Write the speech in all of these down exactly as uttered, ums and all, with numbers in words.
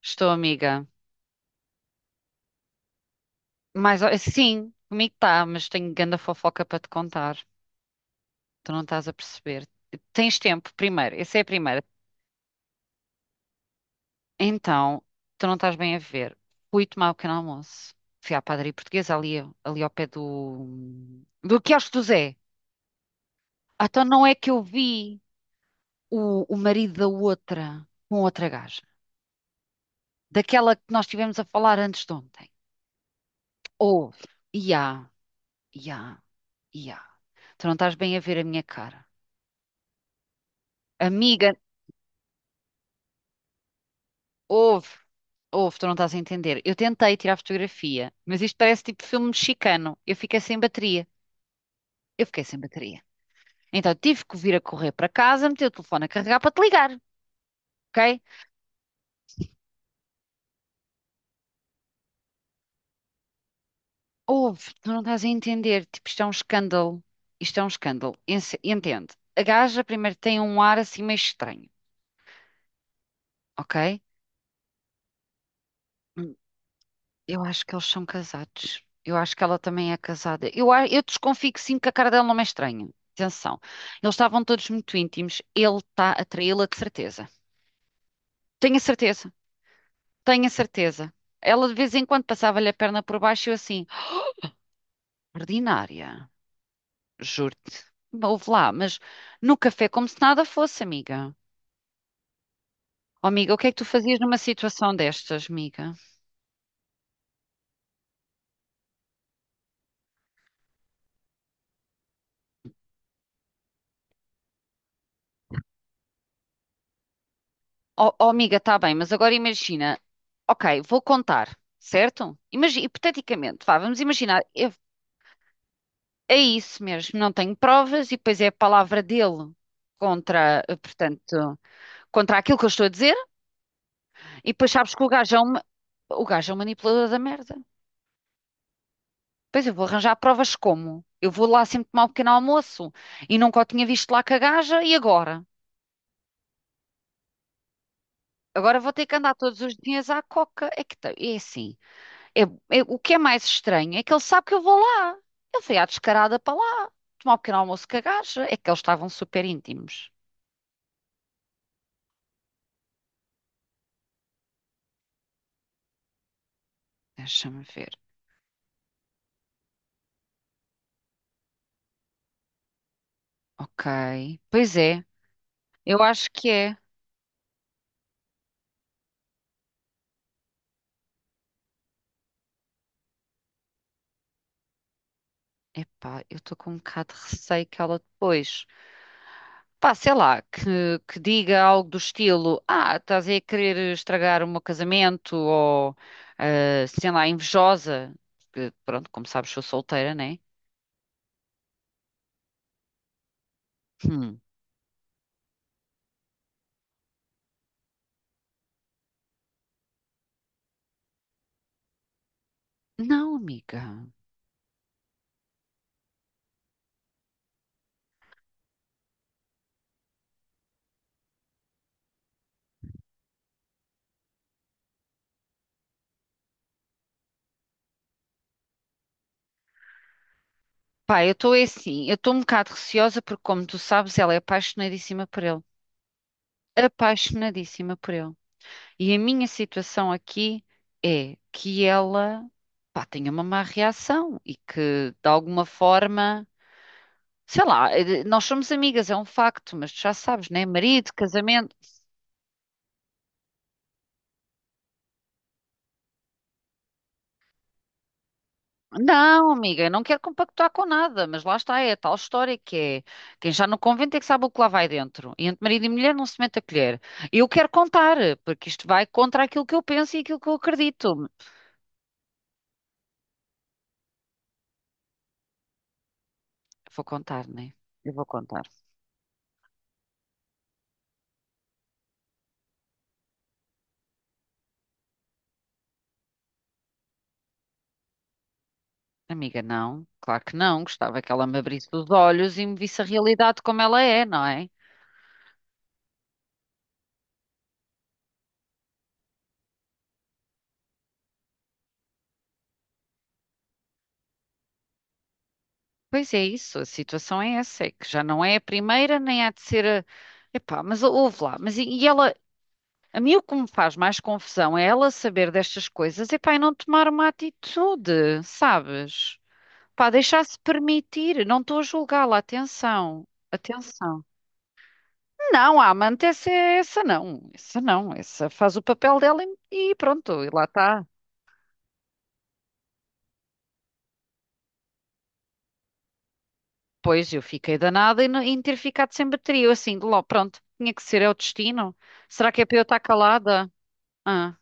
Estou, amiga. Mas ó, sim, comigo está, mas tenho ganda fofoca para te contar. Tu não estás a perceber. Tens tempo, primeiro. Essa é a primeira. Então, tu não estás bem a ver. Fui tomar o pequeno almoço. Fui à padaria portuguesa ali, ali ao pé do... Do quiosque do Zé. Ah, então não é que eu vi o, o marido da outra com outra gaja. Daquela que nós estivemos a falar antes de ontem. Ou, ia, ia, ia. Tu não estás bem a ver a minha cara. Amiga, Houve, houve, tu não estás a entender. Eu tentei tirar fotografia, mas isto parece tipo filme mexicano. Eu fiquei sem bateria. Eu fiquei sem bateria. Então tive que vir a correr para casa, meter o telefone a carregar para te ligar, ok? Houve, tu não estás a entender. Tipo, isto é um escândalo. Isto é um escândalo. Ence- Entende? A gaja primeiro tem um ar assim meio estranho, ok? Eu acho que eles são casados. Eu acho que ela também é casada. Eu, a- eu desconfio que sim, que a cara dela não é estranha. Atenção. Eles estavam todos muito íntimos. Ele está a traí-la de certeza. Tenho a certeza. Tenho a certeza. Ela de vez em quando passava-lhe a perna por baixo e eu assim, ordinária, juro-te. Houve lá, mas no café como se nada fosse, amiga. Oh, amiga, o que é que tu fazias numa situação destas, amiga? Oh, oh, amiga, está bem, mas agora imagina. Ok, vou contar, certo? Imagina, hipoteticamente, vá, vamos imaginar. Eu- é isso mesmo, não tenho provas e depois é a palavra dele contra, eh, portanto, contra aquilo que eu estou a dizer. E depois sabes que o gajo é um, ma- o gajo é um manipulador da merda. Pois eu vou arranjar provas como? Eu vou lá sempre tomar um pequeno almoço e nunca o tinha visto lá com a gaja e agora? Agora vou ter que andar todos os dias à coca. É que tá- é assim. Eu- eu- o que é mais estranho é que ele sabe que eu vou lá. Ele foi à descarada para lá, tomar um pequeno almoço com a gaja. É que eles estavam super íntimos. Deixa-me ver. Ok. Pois é, eu acho que é. Epá, eu estou com um bocado de receio que ela depois. Pá, sei lá, que, que diga algo do estilo: ah, estás aí a querer estragar o meu casamento, ou ah, sei lá, invejosa. Porque, pronto, como sabes, sou solteira, né? Hum. Não, amiga. Pá, eu estou assim, eu estou um bocado receosa porque, como tu sabes, ela é apaixonadíssima por ele. Apaixonadíssima por ele. E a minha situação aqui é que ela, pá, tenha uma má reação e que, de alguma forma, sei lá, eh, nós somos amigas, é um facto, mas tu já sabes, né? Marido, casamento. Não, amiga, eu não quero compactuar com nada, mas lá está, é a tal história que é quem já no convento é que sabe o que lá vai dentro. E entre marido e mulher não se mete a colher. Eu quero contar, porque isto vai contra aquilo que eu penso e aquilo que eu acredito. Vou contar, né? Eu vou contar. Amiga, não, claro que não. Gostava que ela me abrisse os olhos e me visse a realidade como ela é, não é? Pois é isso, a situação é essa, é que já não é a primeira, nem há de ser a... Epá, mas ouve lá, mas e, e ela, a mim o que me faz mais confusão é ela saber destas coisas e pá, e não tomar uma atitude, sabes? Pá, deixar-se permitir. Não estou a julgá-la, atenção, atenção. Não, a amante, essa, é- essa não, essa não, essa faz o papel dela e, e pronto, e lá está. Pois eu fiquei danada em, em ter ficado sem bateria, eu assim, de logo, pronto, tinha que ser, é o destino. Será que é para eu estar calada? Ah,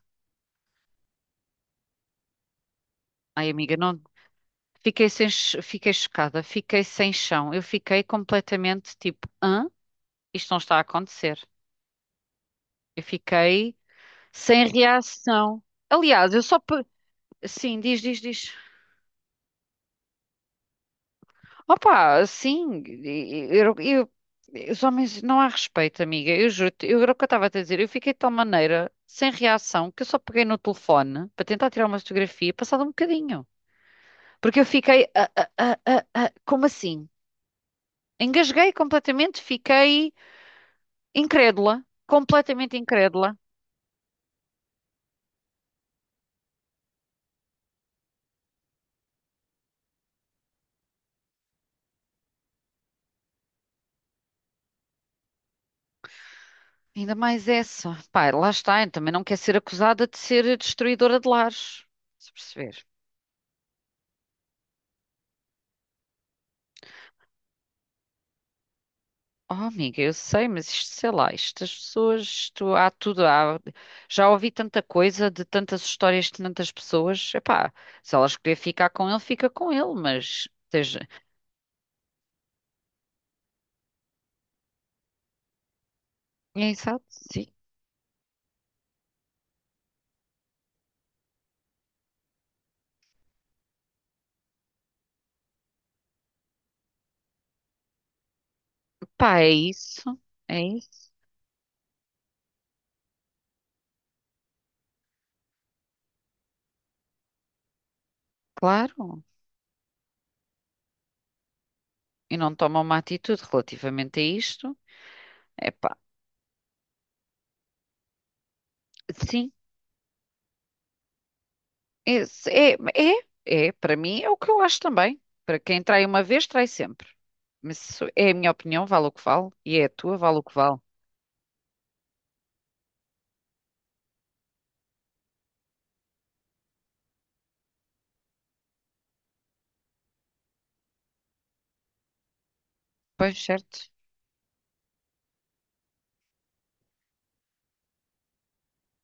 ai amiga, não, fiquei sem, ch- fiquei chocada, fiquei sem chão. Eu fiquei completamente tipo, hã? Isto não está a acontecer. Eu fiquei sem reação. Aliás, eu só. pe- Sim, diz, diz, diz. Opa, sim, eu, eu- os homens não há respeito, amiga. Eu juro, eu era o que eu estava a te dizer. Eu fiquei de tal maneira sem reação que eu só peguei no telefone para tentar tirar uma fotografia, passado um bocadinho. Porque eu fiquei, ah, ah, ah, ah, ah, como assim? Engasguei completamente, fiquei incrédula, completamente incrédula. Ainda mais essa. Pá, lá está, eu também não quer ser acusada de ser destruidora de lares. Se perceber. Oh, amiga, eu sei, mas isto, sei lá, estas pessoas, isto há tudo, há- já ouvi tanta coisa de tantas histórias de tantas pessoas. Epá, se ela escolher ficar com ele, fica com ele, mas esteja. É exato, sim. Pá, é isso, é isso, claro. E não toma uma atitude relativamente a isto. Epá, sim. Esse- É, é, é, para mim é o que eu acho também. Para quem trai uma vez, trai sempre. Mas isso é a minha opinião, vale o que vale, e é a tua, vale o que vale. Pois, certo.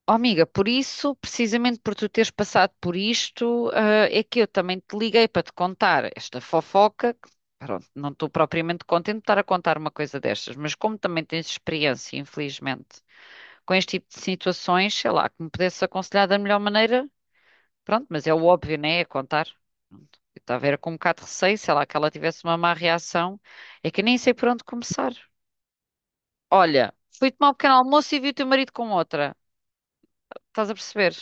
Oh, amiga, por isso, precisamente por tu teres passado por isto, ah, é que eu também te liguei para te contar esta fofoca. Que, pronto, não estou propriamente contente de estar a contar uma coisa destas, mas como também tens experiência, infelizmente, com este tipo de situações, sei lá, que me pudesse aconselhar da melhor maneira. Pronto, mas é o óbvio, né? É contar. Pronto. Eu estava era com um bocado de receio, sei lá, que ela tivesse uma má reação. É que nem sei por onde começar. Olha, fui tomar um pequeno almoço e vi o teu marido com outra. Estás a perceber?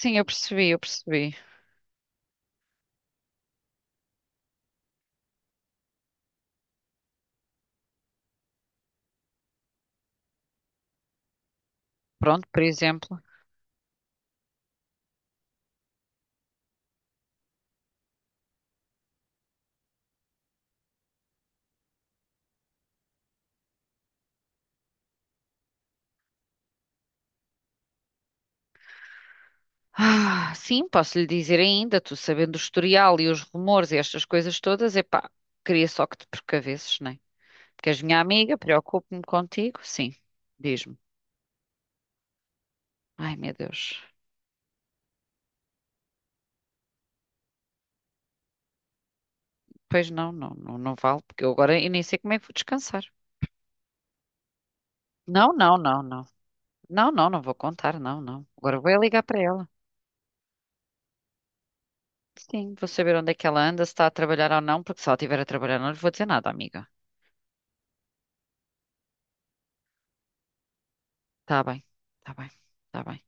Sim, eu percebi, eu percebi. Pronto, por exemplo. Ah, sim, posso lhe dizer ainda, tu sabendo o historial e os rumores e estas coisas todas, epá, queria só que te precavesses, né? Porque és minha amiga, preocupo-me contigo. Sim, diz-me. Ai, meu Deus. Pois não, não, não, não vale, porque eu agora eu nem sei como é que vou descansar. Não, não, não, não. Não, não, não vou contar, não, não. Agora vou é ligar para ela. Sim, vou saber onde é que ela anda, se está a trabalhar ou não, porque se ela estiver a trabalhar, não lhe vou dizer nada, amiga. Tá bem, tá bem, tá bem.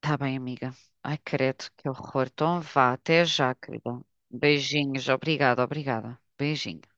Tá bem, amiga. Ai, credo, que horror. Então vá, até já, querida. Beijinhos, obrigada, obrigada. Beijinhos.